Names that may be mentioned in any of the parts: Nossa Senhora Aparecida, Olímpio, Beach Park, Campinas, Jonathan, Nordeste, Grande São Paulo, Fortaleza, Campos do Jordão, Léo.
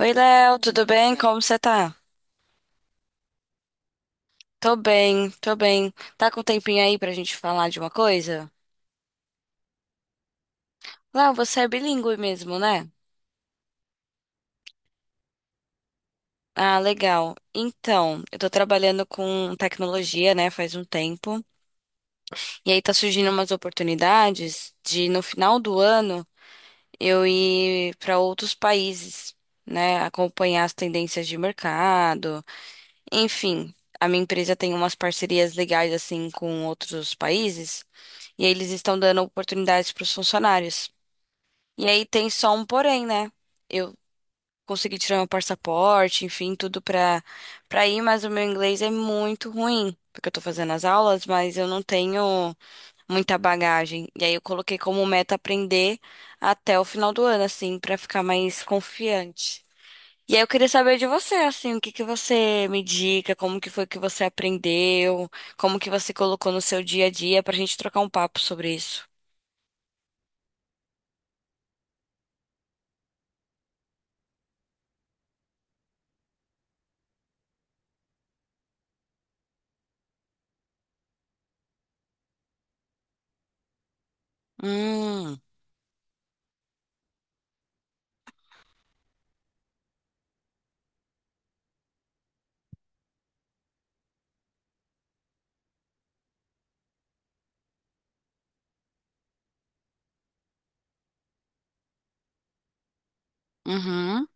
Oi, Léo, tudo bem? Como você tá? Tô bem, tô bem. Tá com um tempinho aí pra gente falar de uma coisa? Léo, você é bilíngue mesmo, né? Ah, legal. Então, eu tô trabalhando com tecnologia, né, faz um tempo. E aí tá surgindo umas oportunidades de, no final do ano, eu ir pra outros países, né, acompanhar as tendências de mercado, enfim, a minha empresa tem umas parcerias legais assim com outros países e aí eles estão dando oportunidades para os funcionários. E aí tem só um porém, né? Eu consegui tirar meu passaporte, enfim, tudo para ir, mas o meu inglês é muito ruim, porque eu tô fazendo as aulas, mas eu não tenho muita bagagem. E aí eu coloquei como meta aprender até o final do ano assim, para ficar mais confiante. E aí eu queria saber de você, assim, o que que você me indica, como que foi que você aprendeu, como que você colocou no seu dia a dia pra gente trocar um papo sobre isso. Hum, uhum,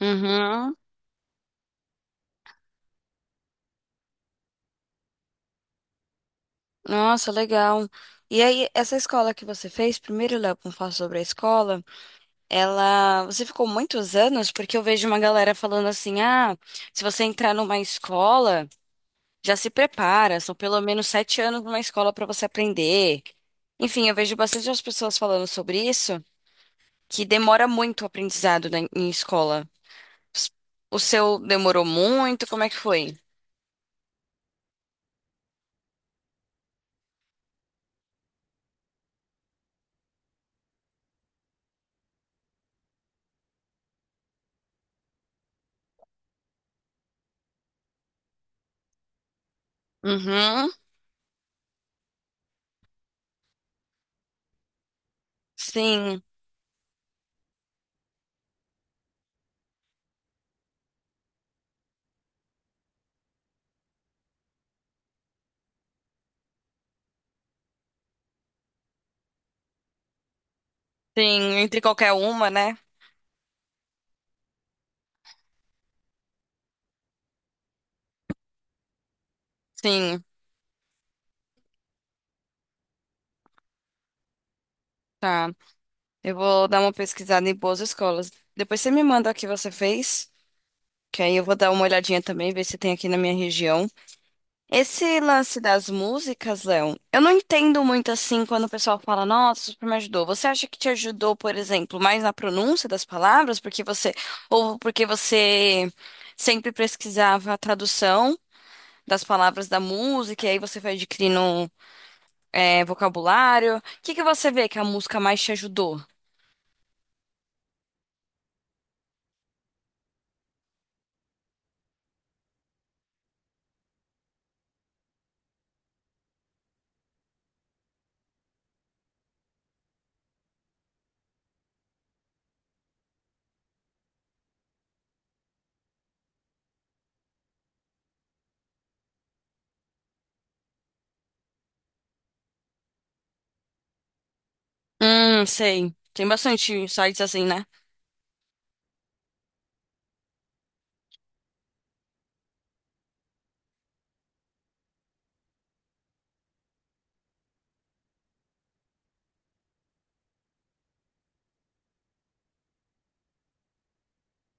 uhum. Nossa, legal. E aí, essa escola que você fez, primeiro, Léo, vamos falar sobre a escola, ela, você ficou muitos anos, porque eu vejo uma galera falando assim, ah, se você entrar numa escola já se prepara, são pelo menos sete anos numa escola para você aprender. Enfim, eu vejo bastante as pessoas falando sobre isso, que demora muito o aprendizado em escola. S- O seu demorou muito? Como é que foi? Uhum, sim, sim, entre qualquer uma, né? Sim, tá. Eu vou dar uma pesquisada em boas escolas. Depois você me manda o que você fez, que aí eu vou dar uma olhadinha também, ver se tem aqui na minha região. Esse lance das músicas, Léo, eu não entendo muito assim quando o pessoal fala, nossa, super me ajudou. Você acha que te ajudou, por exemplo, mais na pronúncia das palavras, porque você, ou porque você sempre pesquisava a tradução das palavras da música, e aí você foi adquirindo, vocabulário. O que que você vê que a música mais te ajudou? Sei. Tem bastante sites assim, né?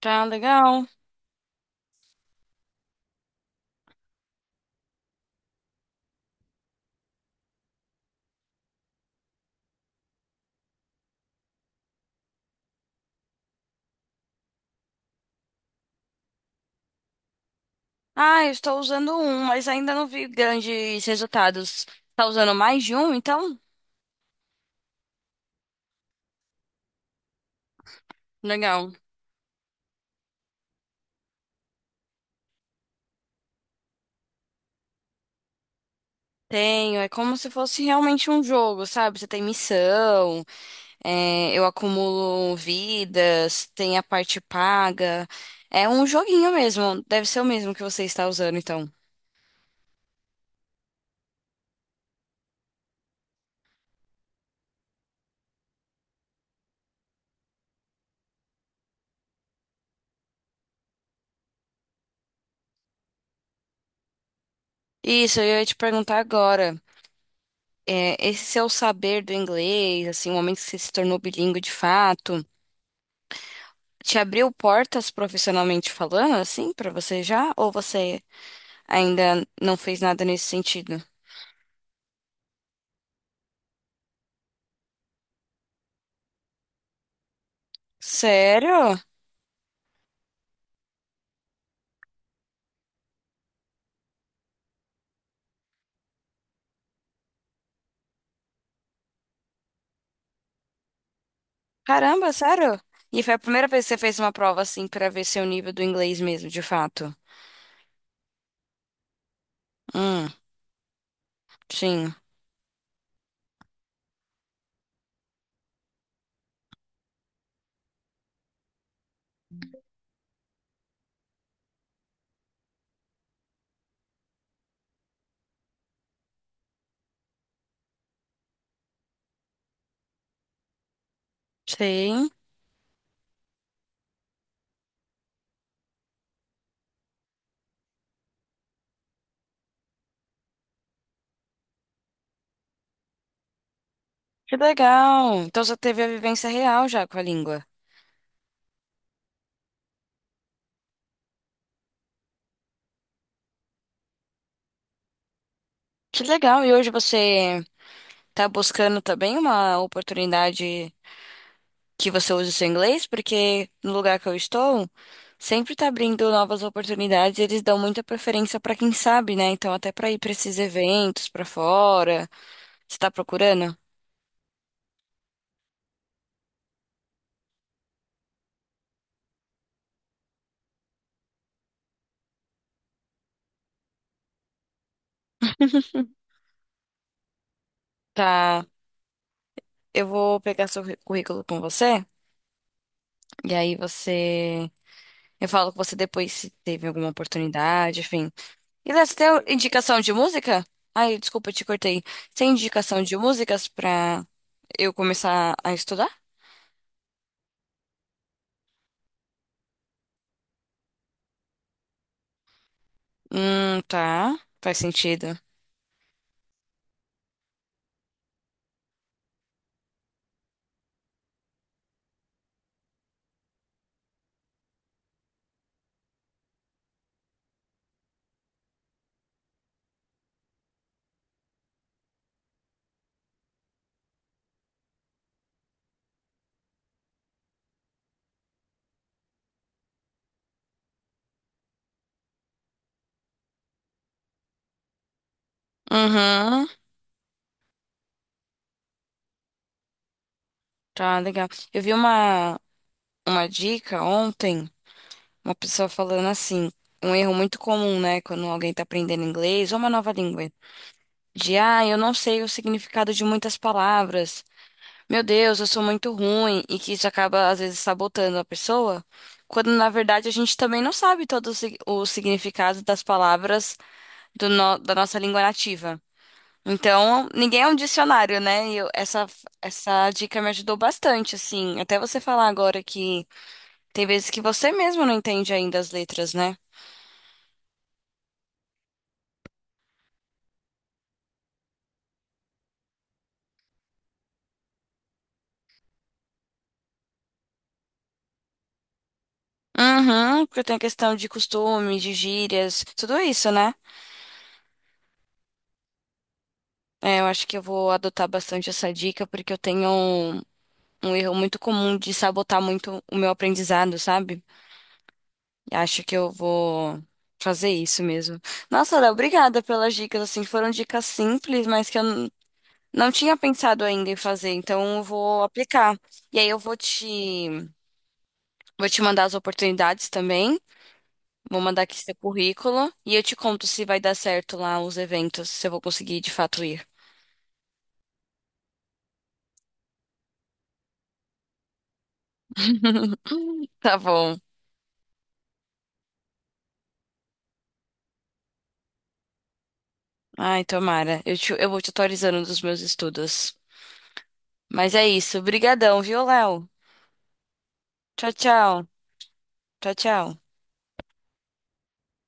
Tá legal. Ah, eu estou usando um, mas ainda não vi grandes resultados. Tá usando mais de um, então? Legal. Tenho, é como se fosse realmente um jogo, sabe? Você tem missão, eu acumulo vidas, tem a parte paga. É um joguinho mesmo, deve ser o mesmo que você está usando, então. Isso, eu ia te perguntar agora. Esse seu saber do inglês, assim, o momento que você se tornou bilíngue de fato, te abriu portas profissionalmente falando, assim, pra você já? Ou você ainda não fez nada nesse sentido. Sério? Caramba, sério? E foi a primeira vez que você fez uma prova assim pra ver seu nível do inglês mesmo, de fato. Hum, sim. Sim. Que legal. Então você teve a vivência real já com a língua. Que legal. E hoje você tá buscando também uma oportunidade que você use o seu inglês? Porque no lugar que eu estou, sempre tá abrindo novas oportunidades, e eles dão muita preferência pra quem sabe, né? Então até pra ir pra esses eventos pra fora. Você tá procurando? Tá. Eu vou pegar seu currículo com você. E aí você. Eu falo com você depois se teve alguma oportunidade, enfim. E Léo, você tem indicação de música? Ai, desculpa, eu te cortei. Você tem indicação de músicas pra eu começar a estudar? Tá. Faz sentido. Uhum. Tá, legal. Eu vi uma dica ontem, uma pessoa falando assim, um erro muito comum, né, quando alguém tá aprendendo inglês ou uma nova língua. De, ah, eu não sei o significado de muitas palavras. Meu Deus, eu sou muito ruim e que isso acaba às vezes sabotando a pessoa, quando na verdade a gente também não sabe todo o o significado das palavras do no- da nossa língua nativa. Então, ninguém é um dicionário, né? Essa, essa dica me ajudou bastante, assim. Até você falar agora que tem vezes que você mesmo não entende ainda as letras, né? Uhum, porque tem a questão de costume, de gírias, tudo isso, né? É, eu acho que eu vou adotar bastante essa dica, porque eu tenho um, um erro muito comum de sabotar muito o meu aprendizado, sabe? E acho que eu vou fazer isso mesmo. Nossa, Léo, obrigada pelas dicas, assim, foram dicas simples, mas que não tinha pensado ainda em fazer, então eu vou aplicar. E aí vou te mandar as oportunidades também, vou mandar aqui seu currículo, e eu te conto se vai dar certo lá os eventos, se eu vou conseguir de fato ir. Tá bom. Ai, tomara. Eu vou te atualizando dos meus estudos. Mas é isso. Brigadão, viu, Léo? Tchau, tchau. Tchau, tchau.